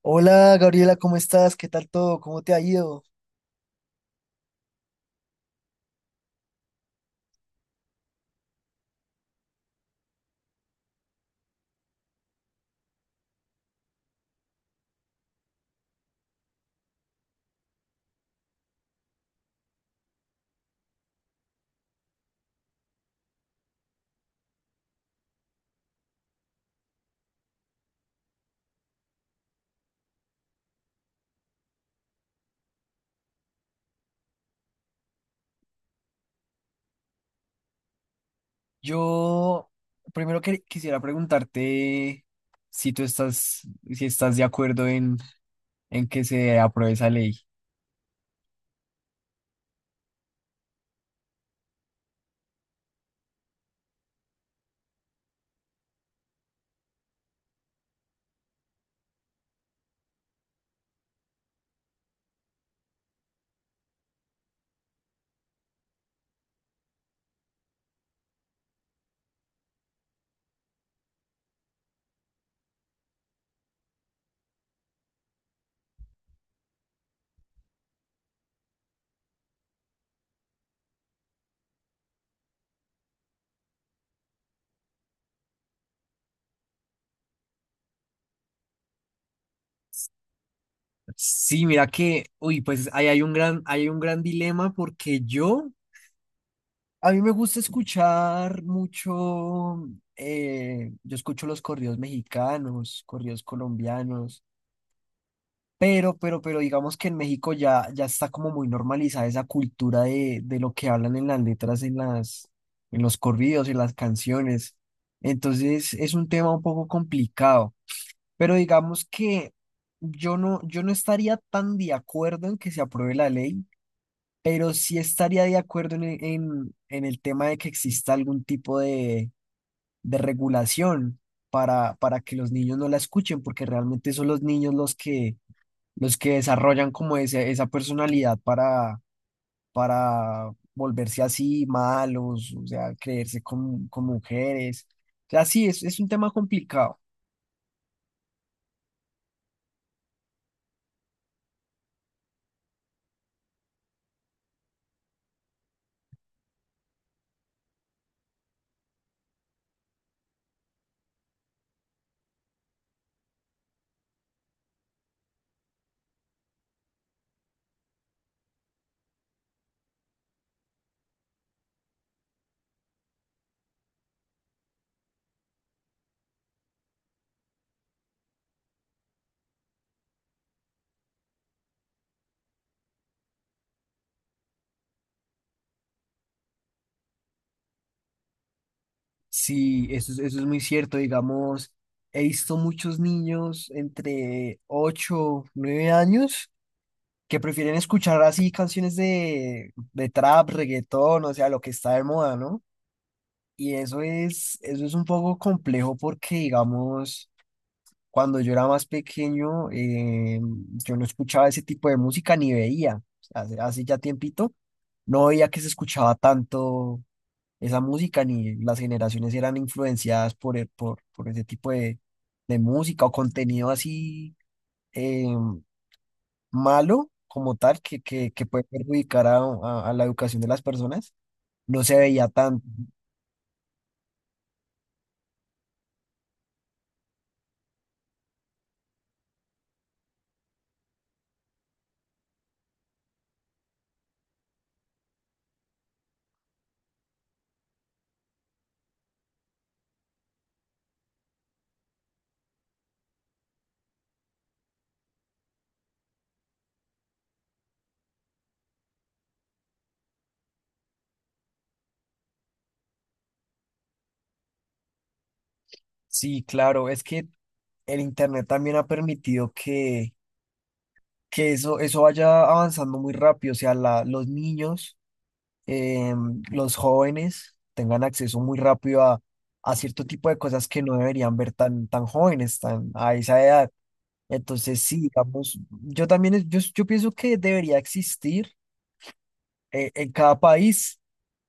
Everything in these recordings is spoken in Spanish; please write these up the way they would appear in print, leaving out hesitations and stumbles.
Hola Gabriela, ¿cómo estás? ¿Qué tal todo? ¿Cómo te ha ido? Yo primero quisiera preguntarte si tú estás, si estás de acuerdo en que se apruebe esa ley. Sí, mira que, uy, pues ahí hay hay un gran dilema porque a mí me gusta escuchar mucho, yo escucho los corridos mexicanos, corridos colombianos. Pero digamos que en México ya está como muy normalizada esa cultura de lo que hablan en las letras, en los corridos, en las canciones. Entonces es un tema un poco complicado. Pero digamos que yo no estaría tan de acuerdo en que se apruebe la ley, pero sí estaría de acuerdo en el tema de que exista algún tipo de regulación para que los niños no la escuchen, porque realmente son los niños los que desarrollan como esa personalidad para volverse así malos, o sea, creerse con mujeres. O sea, sí, es un tema complicado. Sí, eso es muy cierto. Digamos, he visto muchos niños entre 8 o 9 años que prefieren escuchar así canciones de trap, reggaetón, o sea, lo que está de moda, ¿no? Y eso es un poco complejo porque, digamos, cuando yo era más pequeño, yo no escuchaba ese tipo de música ni veía. Hace ya tiempito, no veía que se escuchaba tanto esa música, ni las generaciones eran influenciadas por ese tipo de música o contenido así eh, malo como tal, que puede perjudicar a la educación de las personas. No se veía tanto. Sí, claro, es que el Internet también ha permitido que eso vaya avanzando muy rápido, o sea, los niños, los jóvenes tengan acceso muy rápido a cierto tipo de cosas que no deberían ver tan jóvenes, tan a esa edad. Entonces, sí, digamos, yo también, yo pienso que debería existir en cada país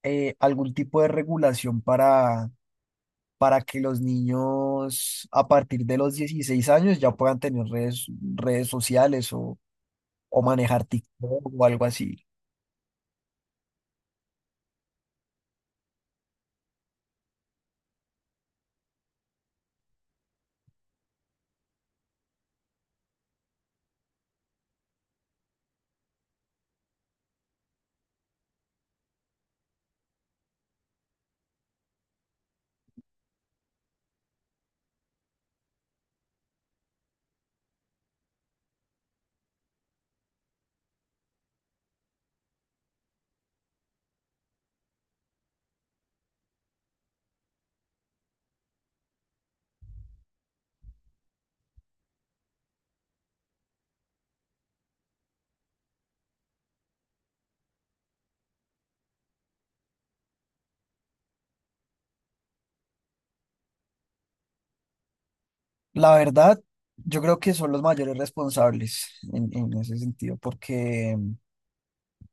algún tipo de regulación para que los niños a partir de los 16 años ya puedan tener redes, redes sociales o manejar TikTok o algo así. La verdad, yo creo que son los mayores responsables en ese sentido, porque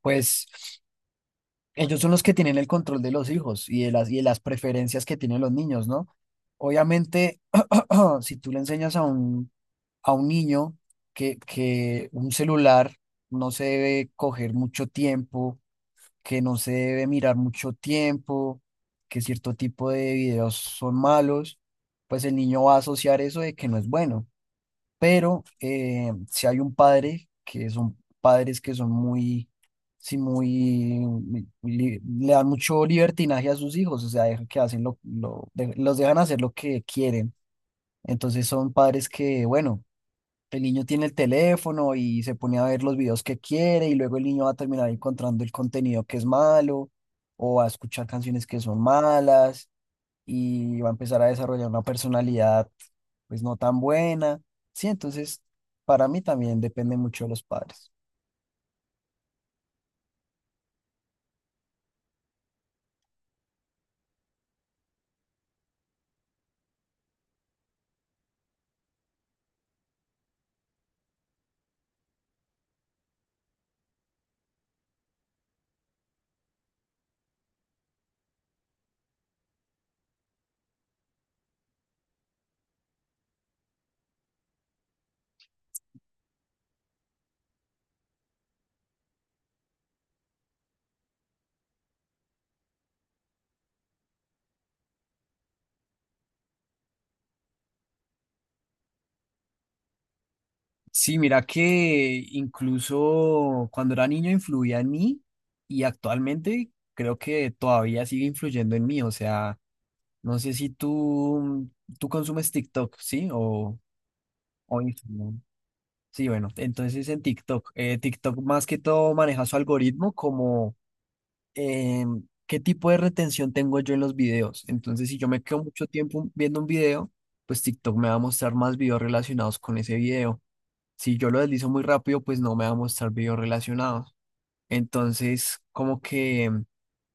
pues ellos son los que tienen el control de los hijos y de y de las preferencias que tienen los niños, ¿no? Obviamente, si tú le enseñas a un niño que un celular no se debe coger mucho tiempo, que no se debe mirar mucho tiempo, que cierto tipo de videos son malos, pues el niño va a asociar eso de que no es bueno, pero si hay un padre que son padres que son muy, sí, le dan mucho libertinaje a sus hijos, o sea, dejan que hacen los dejan hacer lo que quieren. Entonces son padres que, bueno, el niño tiene el teléfono y se pone a ver los videos que quiere y luego el niño va a terminar encontrando el contenido que es malo o a escuchar canciones que son malas y va a empezar a desarrollar una personalidad pues no tan buena. Sí, entonces para mí también depende mucho de los padres. Sí, mira que incluso cuando era niño influía en mí y actualmente creo que todavía sigue influyendo en mí. O sea, no sé si tú consumes TikTok, ¿sí? O Instagram. Sí, bueno, entonces en TikTok, TikTok más que todo maneja su algoritmo como eh, qué tipo de retención tengo yo en los videos. Entonces, si yo me quedo mucho tiempo viendo un video, pues TikTok me va a mostrar más videos relacionados con ese video. Si yo lo deslizo muy rápido, pues no me va a mostrar videos relacionados. Entonces, como que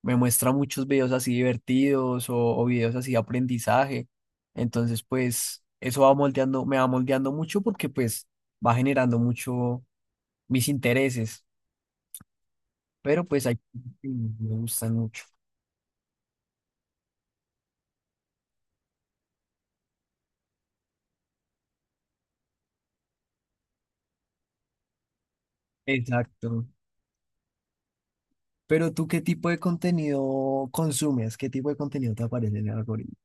me muestra muchos videos así divertidos o videos así de aprendizaje. Entonces, pues eso va moldeando, me va moldeando mucho porque pues va generando mucho mis intereses, pero pues hay que me gustan mucho. Exacto. Pero tú, ¿qué tipo de contenido consumes? ¿Qué tipo de contenido te aparece en el algoritmo?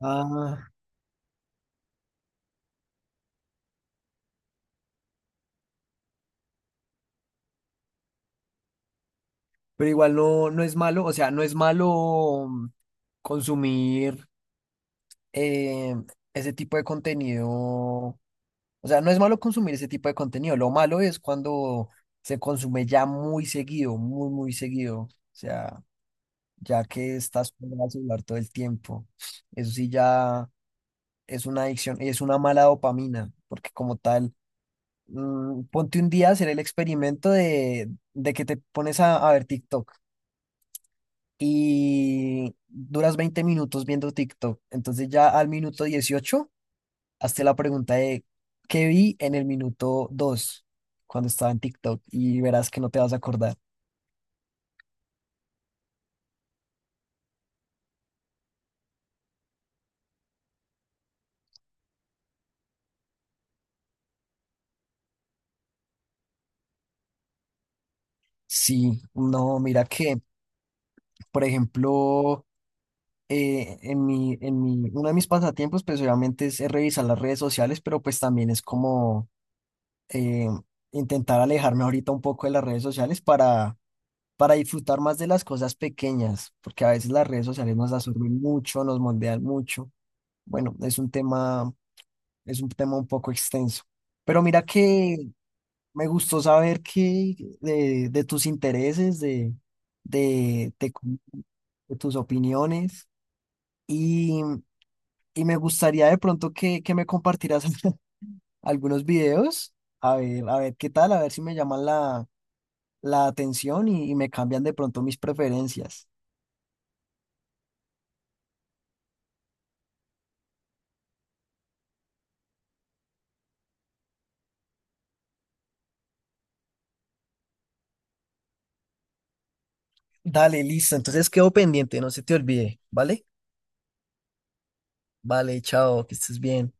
Ah, pero igual no, no es malo, o sea, no es malo, mm, consumir eh, ese tipo de contenido. O sea, no es malo consumir ese tipo de contenido. Lo malo es cuando se consume ya muy seguido, muy seguido. O sea, ya que estás con el celular todo el tiempo. Eso sí ya es una adicción, es una mala dopamina, porque como tal, mm, ponte un día a hacer el experimento de que te pones a ver TikTok y duras 20 minutos viendo TikTok. Entonces ya al minuto 18 hazte la pregunta de ¿qué vi en el minuto 2 cuando estaba en TikTok? Y verás que no te vas a acordar. Sí, no, mira que, por ejemplo, en uno de mis pasatiempos, pues obviamente es revisar las redes sociales, pero pues también es como eh, intentar alejarme ahorita un poco de las redes sociales para disfrutar más de las cosas pequeñas, porque a veces las redes sociales nos absorben mucho, nos moldean mucho. Bueno, es un tema un poco extenso. Pero mira que me gustó saber que de tus intereses, de, de cu- de tus opiniones, y, y me gustaría de pronto que me compartieras algunos videos. A ver qué tal, a ver si me llaman la atención y me cambian de pronto mis preferencias. Dale, listo. Entonces quedo pendiente, no se te olvide, ¿vale? Vale, chao, que estés bien.